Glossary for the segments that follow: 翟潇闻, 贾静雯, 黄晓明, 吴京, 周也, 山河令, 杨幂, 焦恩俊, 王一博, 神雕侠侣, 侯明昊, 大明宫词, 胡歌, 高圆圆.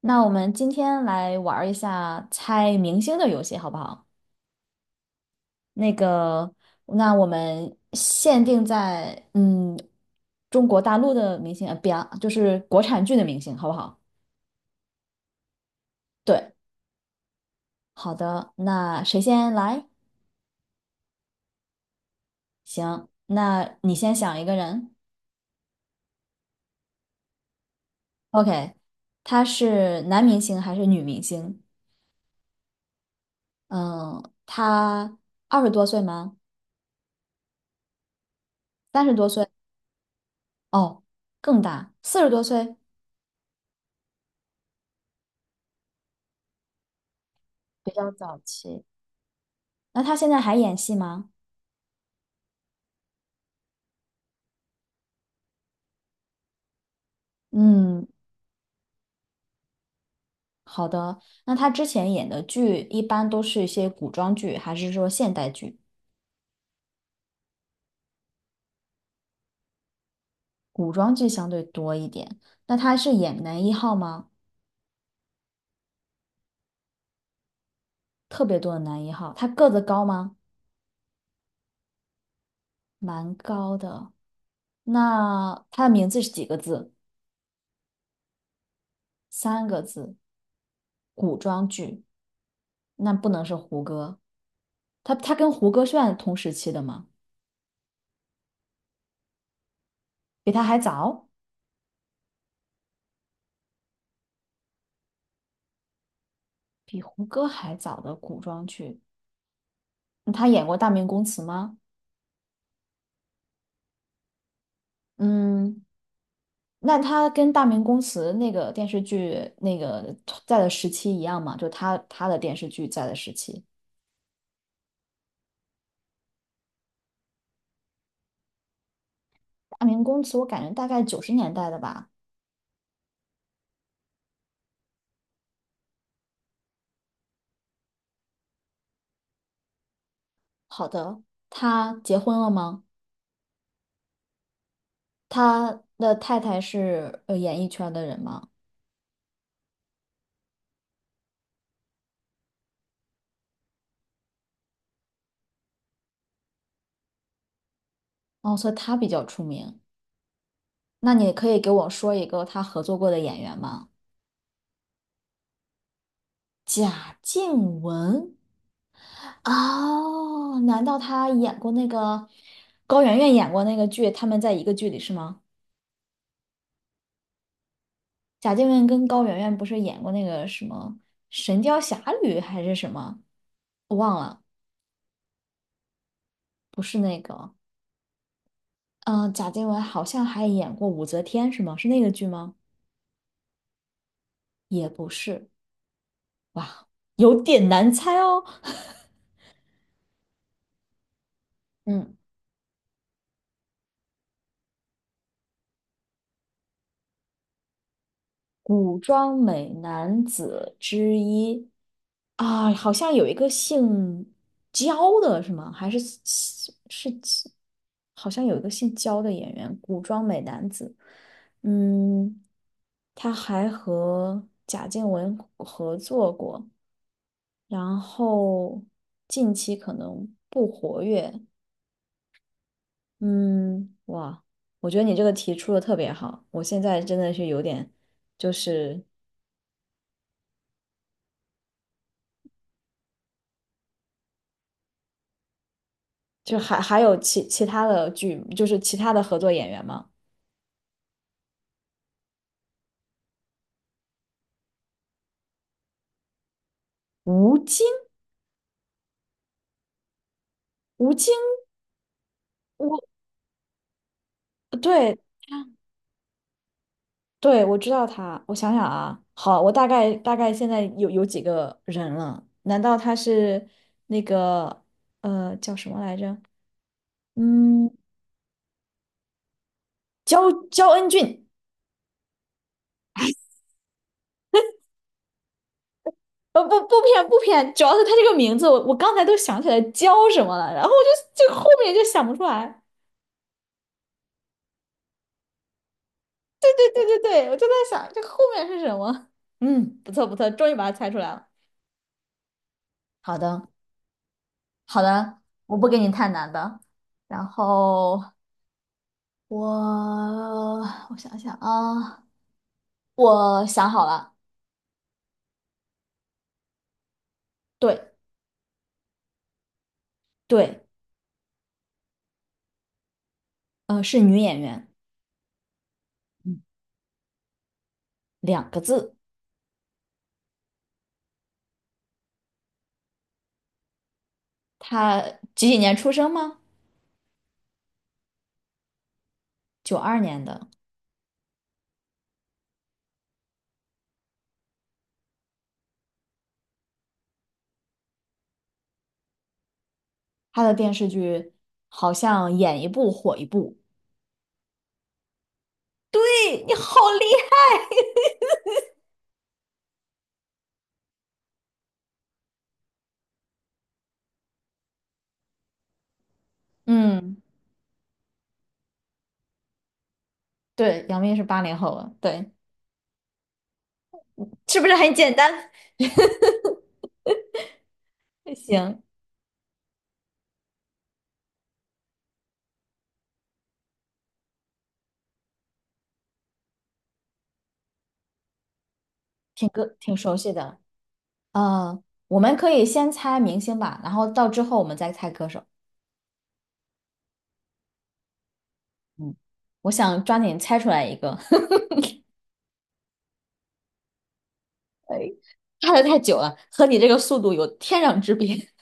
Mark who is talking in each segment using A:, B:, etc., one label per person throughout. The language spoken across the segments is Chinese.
A: 那我们今天来玩儿一下猜明星的游戏，好不好？那个，那我们限定在中国大陆的明星，不要，就是国产剧的明星，好不好？对，好的，那谁先来？行，那你先想一个人。OK，他是男明星还是女明星？嗯，他20多岁吗？30多岁？哦，更大，40多岁，比较早期。那他现在还演戏吗？嗯，好的。那他之前演的剧一般都是一些古装剧，还是说现代剧？古装剧相对多一点。那他是演男一号吗？特别多的男一号。他个子高吗？蛮高的。那他的名字是几个字？三个字。古装剧，那不能是胡歌。他跟胡歌算同时期的吗？比他还早，比胡歌还早的古装剧。那他演过《大明宫词》吗？嗯，那他跟《大明宫词》那个电视剧那个在的时期一样吗？就他的电视剧在的时期，《大明宫词》我感觉大概90年代的吧。好的，他结婚了吗？他的太太是演艺圈的人吗？哦，所以他比较出名。那你可以给我说一个他合作过的演员吗？贾静雯。哦，难道他演过那个高圆圆演过那个剧？他们在一个剧里是吗？贾静雯跟高圆圆不是演过那个什么《神雕侠侣》还是什么，我忘了，不是那个。嗯、贾静雯好像还演过武则天，是吗？是那个剧吗？也不是，有点难猜哦。嗯，古装美男子之一。啊，好像有一个姓焦的是吗？还是是好像有一个姓焦的演员，古装美男子。嗯，他还和贾静雯合作过，然后近期可能不活跃。嗯，哇，我觉得你这个题出的特别好，我现在真的是有点，就是还有其他的剧，就是其他的合作演员吗？吴京。吴京，我对对，我知道他。我想想啊，好，我大概现在有几个人了？难道他是那个叫什么来着？嗯，焦恩俊？不不偏，主要是他这个名字，我刚才都想起来焦什么了，然后我就后面就想不出来。对对对对对，我就在想这后面是什么？不错不错，终于把它猜出来了。好的好的，我不给你太难的。然后我我想想啊，我想好了，对对，是女演员，嗯，两个字。她几几年出生吗？92年的。她的电视剧好像演一部火一部。对，你好厉害，嗯，对，杨幂是八零后了，对，是不是很简单？行，挺熟悉的。呃，我们可以先猜明星吧，然后到之后我们再猜歌手。嗯，我想抓紧猜出来一个。看的太久了，和你这个速度有天壤之别。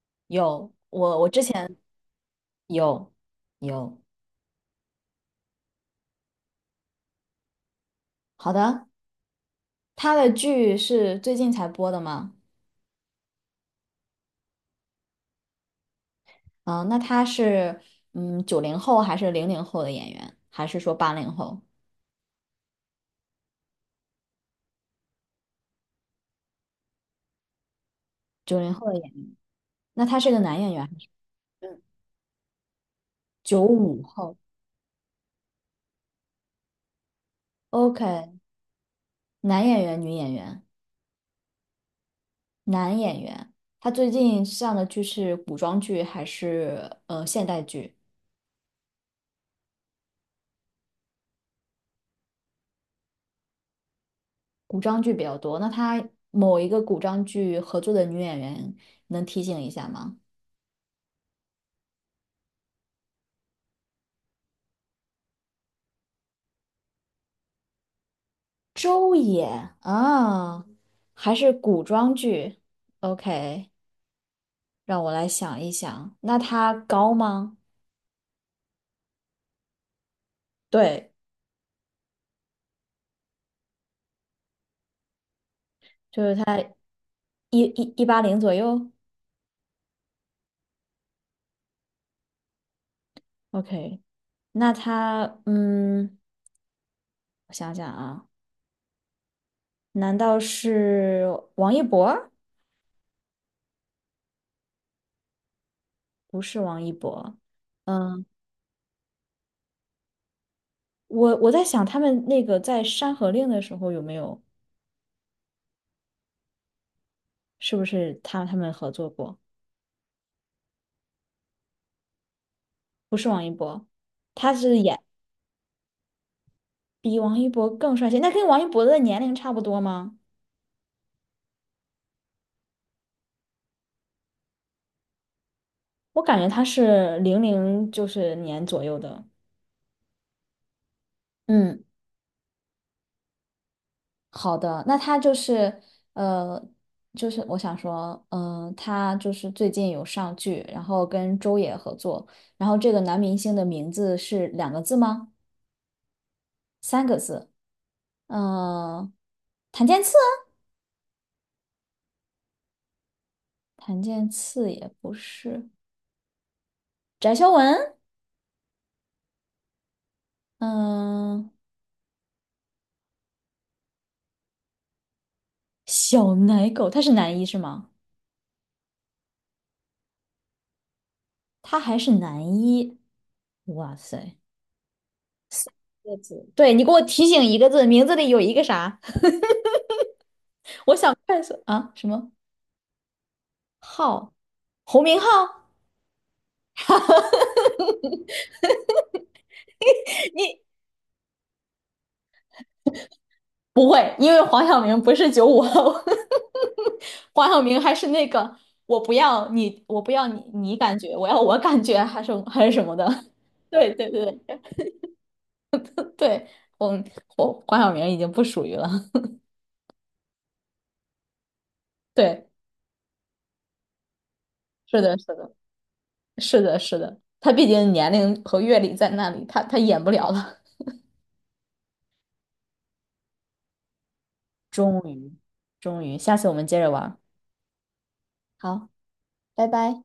A: 有，我之前有有，好的，他的剧是最近才播的吗？啊、那他是九零后还是00后的演员，还是说八零后？九零后的演员，那他是个男演员还是九五后？OK，男演员、女演员，男演员。他最近上的剧是古装剧还是现代剧？古装剧比较多，那他某一个古装剧合作的女演员能提醒一下吗？周也啊，还是古装剧？OK，让我来想一想，那她高吗？对，就是她一八零左右。OK，那她我想想啊，难道是王一博？不是王一博，嗯，我在想他们那个在《山河令》的时候有没有？是不是他们合作过？不是王一博，他是演比王一博更帅气。那跟王一博的年龄差不多吗？我感觉他是零零就是年左右的。嗯，好的，那他呃，就是我想说，他就是最近有上剧，然后跟周也合作，然后这个男明星的名字是两个字吗？三个字？嗯、谭健次啊，谭健次也不是，翟潇闻，嗯、小奶狗，他是男一是吗？他还是男一，哇塞！个字，对，你给我提醒一个字，名字里有一个啥？快速啊，什么浩？侯明昊？不会，因为黄晓明不是九五后，黄晓明还是那个我不要你，我不要你，你感觉，我要我感觉，还是还是什么的。对对对对，我我黄晓明已经不属于了。对，是的，是的。是的，是的，他毕竟年龄和阅历在那里，他演不了了。终于，终于，下次我们接着玩儿好，拜拜。